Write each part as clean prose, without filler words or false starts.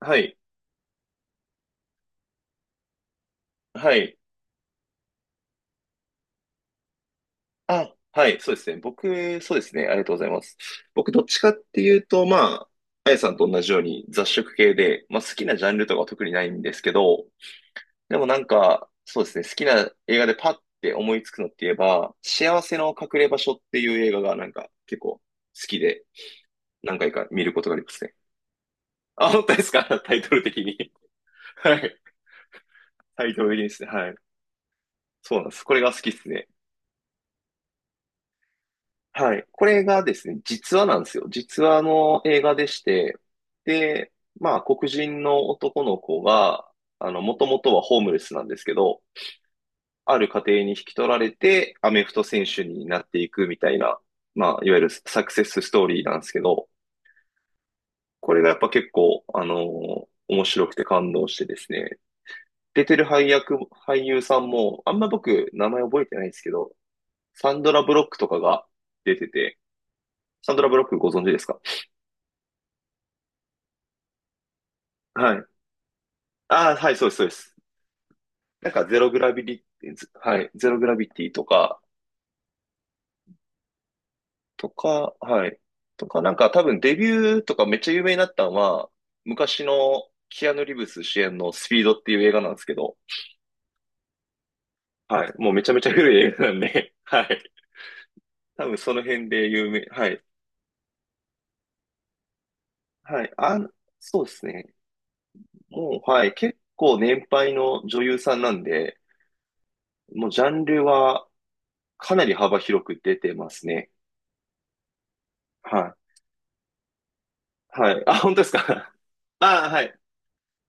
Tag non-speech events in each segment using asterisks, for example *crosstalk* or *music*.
はい。はい。あ、はい。そうですね。僕、そうですね。ありがとうございます。僕、どっちかっていうと、まあ、あやさんと同じように雑食系で、まあ、好きなジャンルとかは特にないんですけど、でもなんか、そうですね。好きな映画でパッて思いつくのって言えば、幸せの隠れ場所っていう映画がなんか結構好きで、何回か見ることがありますね。*laughs* あ、本当ですか？ *laughs* タイトル的に。はい。タイトル的にですね。はい。そうなんです。これが好きですね。はい。これがですね、実話なんですよ。実話の映画でして、で、まあ、黒人の男の子が、もともとはホームレスなんですけど、ある家庭に引き取られて、アメフト選手になっていくみたいな、まあ、いわゆるサクセスストーリーなんですけど、これがやっぱ結構、面白くて感動してですね、出てる配役、俳優さんも、あんま僕、名前覚えてないんですけど、サンドラ・ブロックとかが出てて、サンドラ・ブロックご存知ですか？はい。ああ、はい、そうです、そうです。なんか、ゼログラビリ、はい、ゼログラビティとか、とか、はい、とか、なんか、多分デビューとかめっちゃ有名になったのは、昔のキアヌ・リーブス主演のスピードっていう映画なんですけど、はい、もうめちゃめちゃ古い映画なんで、*laughs* はい、多分その辺で有名、はい、はい、あ、そうですね。もう、はい、結構年配の女優さんなんで、もうジャンルはかなり幅広く出てますね。はい、はい、あ、本当ですか？ *laughs* あ、はい。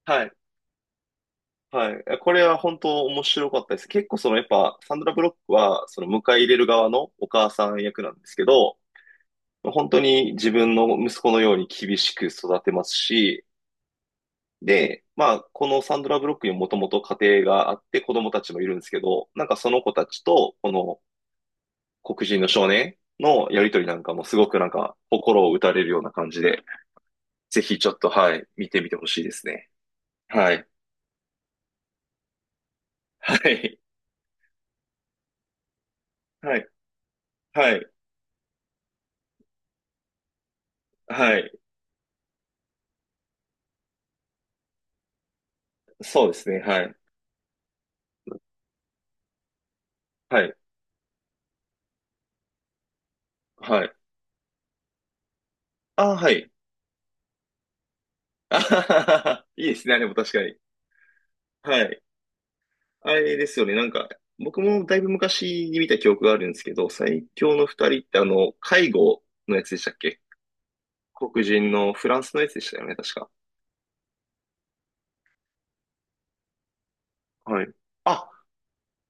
はい。はい。これは本当面白かったです。結構そのやっぱサンドラ・ブロックはその迎え入れる側のお母さん役なんですけど、本当に自分の息子のように厳しく育てますし、で、まあこのサンドラ・ブロックにもともと家庭があって子供たちもいるんですけど、なんかその子たちとこの黒人の少年のやりとりなんかもすごくなんか心を打たれるような感じで、ぜひちょっとはい、見てみてほしいですね。はい。はい。はい。はい。はい。そうですね。はい。はい。はい。ああ、はい。*laughs* あははは。いいですね。でも確かに。はい。あれですよね。なんか、僕もだいぶ昔に見た記憶があるんですけど、最強の二人って介護のやつでしたっけ？黒人のフランスのやつでしたよね、確か。はい。あ、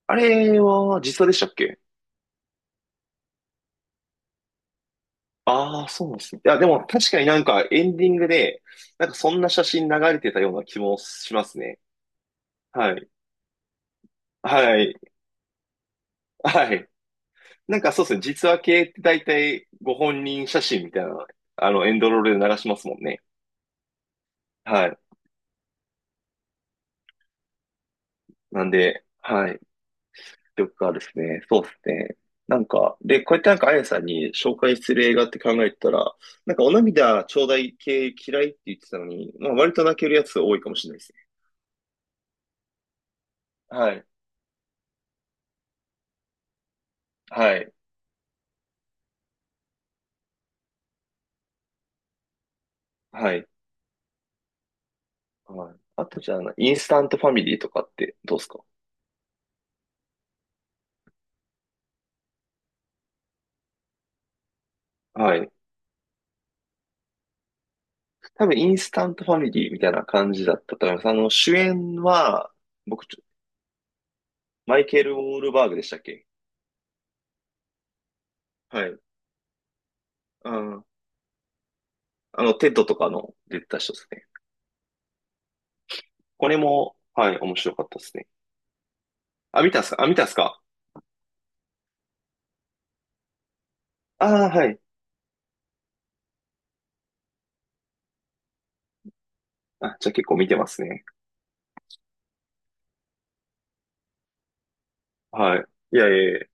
あれは実話でしたっけ？ああー、そうなんですね。いや、でも確かになんかエンディングで、なんかそんな写真流れてたような気もしますね。はい。はい。はい。なんかそうですね、実話系って大体ご本人写真みたいな、あの、エンドロールで流しますもんね。はい。なんで、はい。とかですね、そうですね。なんか、で、こうやってなんかあやさんに紹介する映画って考えてたら、なんかお涙ちょうだい系嫌いって言ってたのに、まあ割と泣けるやつ多いかもしれないですね。はい。はい。はい。はい。あとじゃあ、インスタントファミリーとかってどうですか？はい。多分、インスタントファミリーみたいな感じだったと思います。あの、主演は、僕、マイケル・ウォールバーグでしたっけ？はい。あー、あの、テッドとかの出てた人ですね。これも、はい、面白かったですね。あ、見たっすか？あ、見たっすか？ああー、はい。あ、じゃあ結構見てますね。はい。いやいやいや。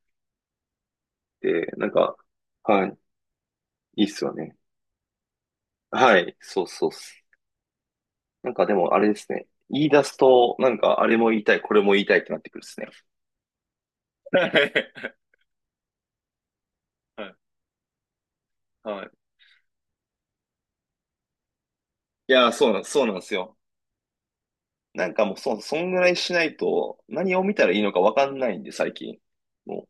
で、なんか、はい。いいっすよね。はい。そうそうっす。なんかでもあれですね。言い出すと、なんかあれも言いたい、これも言いたいってなってくるですね。はい。はい。いやー、そうなん、そうなんですよ。なんかもうそ、そんぐらいしないと、何を見たらいいのかわかんないんで、最近。も、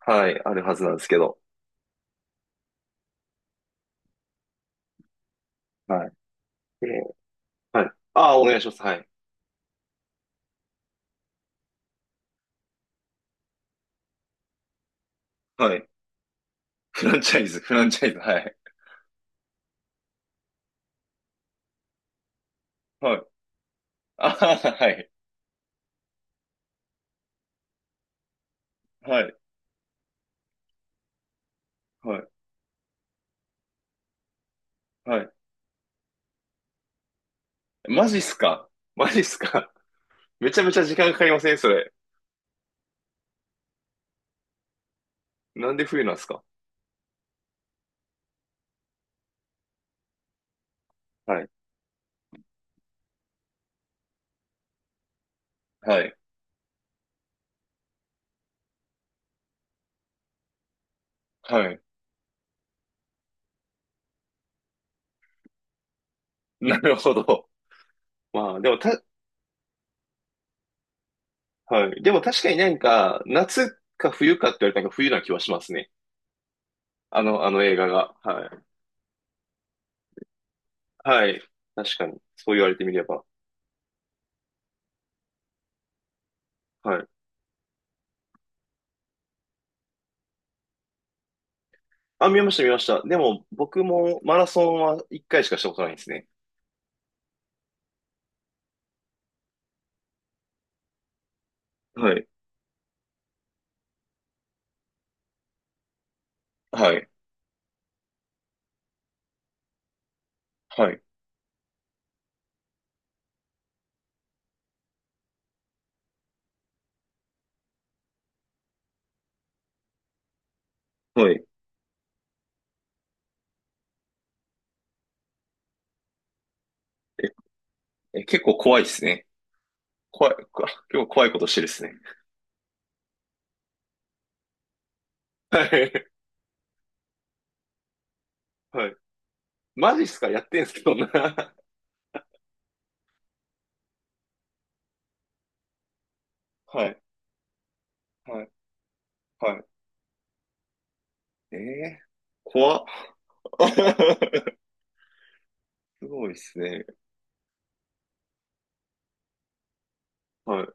はい、あるはずなんですけど。はい。で、はい。ああ、お願いします。はい。はい。フランチャイズ、フランチャイズ、はい。はい。あははい。はい。はい。はい。マジっすか？ *laughs* マジっすか？ *laughs* めちゃめちゃ時間かかりませんそれ。なんで冬なんですか？はい。はい。はい。なるほど。まあ、でもた、はい。でも確かになんか、夏か冬かって言われたらなんか冬な気はしますね。あの、あの映画が。はい。はい。確かに。そう言われてみれば。はい。あ、見ました、見ました。でも、僕もマラソンは一回しかしたことないんですね。はい。はい。はい。はい。え、え結構怖いですね。怖い、こ結構怖いことしてるですね。はい。はい。マジっすかやってんすけどな。*laughs* はい。はい。はい。ええ、怖っ。*laughs* すごいですね。はい。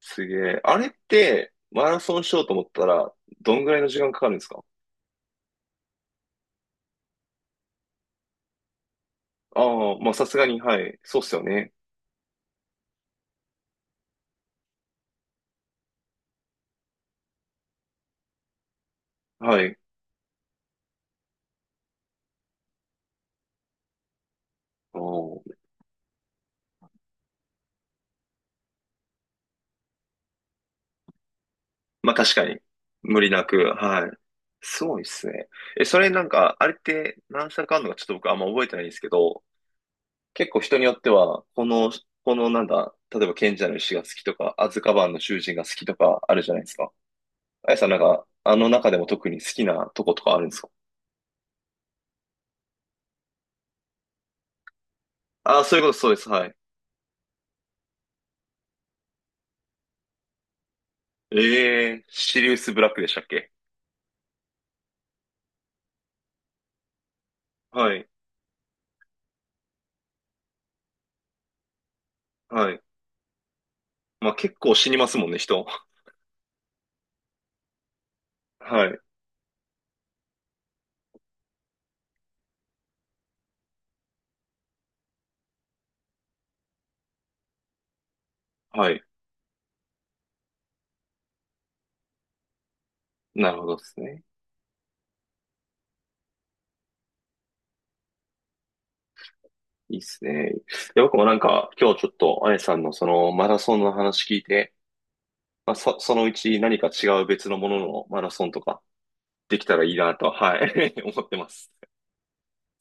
すげえ。あれって、マラソンしようと思ったら、どんぐらいの時間かかるんですか？ああー、まあさすがに、はい。そうっすよね。はい。おー、まあ確かに、無理なく、はい。すごいっすね。え、それなんか、あれって何社かあるのかちょっと僕あんま覚えてないんですけど、結構人によっては、この、このなんだ、例えば賢者の石が好きとか、アズカバンの囚人が好きとかあるじゃないですか。あやさんなんか、あの中でも特に好きなとことかあるんですか？ああ、そういうこと、そうです、はい。ええー、シリウスブラックでしたっけ？はい、はい。まあ結構死にますもんね、人。*laughs* はい、はい。なるほどですね。いいっすね。いや、僕もなんか、今日ちょっと、あやさんのそのマラソンの話聞いて、まあ、そ、そのうち何か違う別のもののマラソンとかできたらいいなと、はい、*laughs* 思ってます。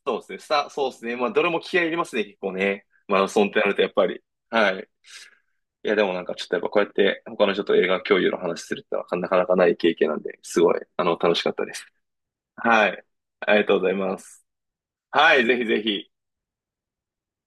そうですね。さ、そうですね。まあ、どれも気合い入れますね、結構ね。マラソンってなると、やっぱり。はい。いや、でもなんか、ちょっとやっぱこうやって他の人と映画共有の話するってのはなかなかない経験なんで、すごい、あの、楽しかったです。はい。ありがとうございます。はい、ぜひぜひ。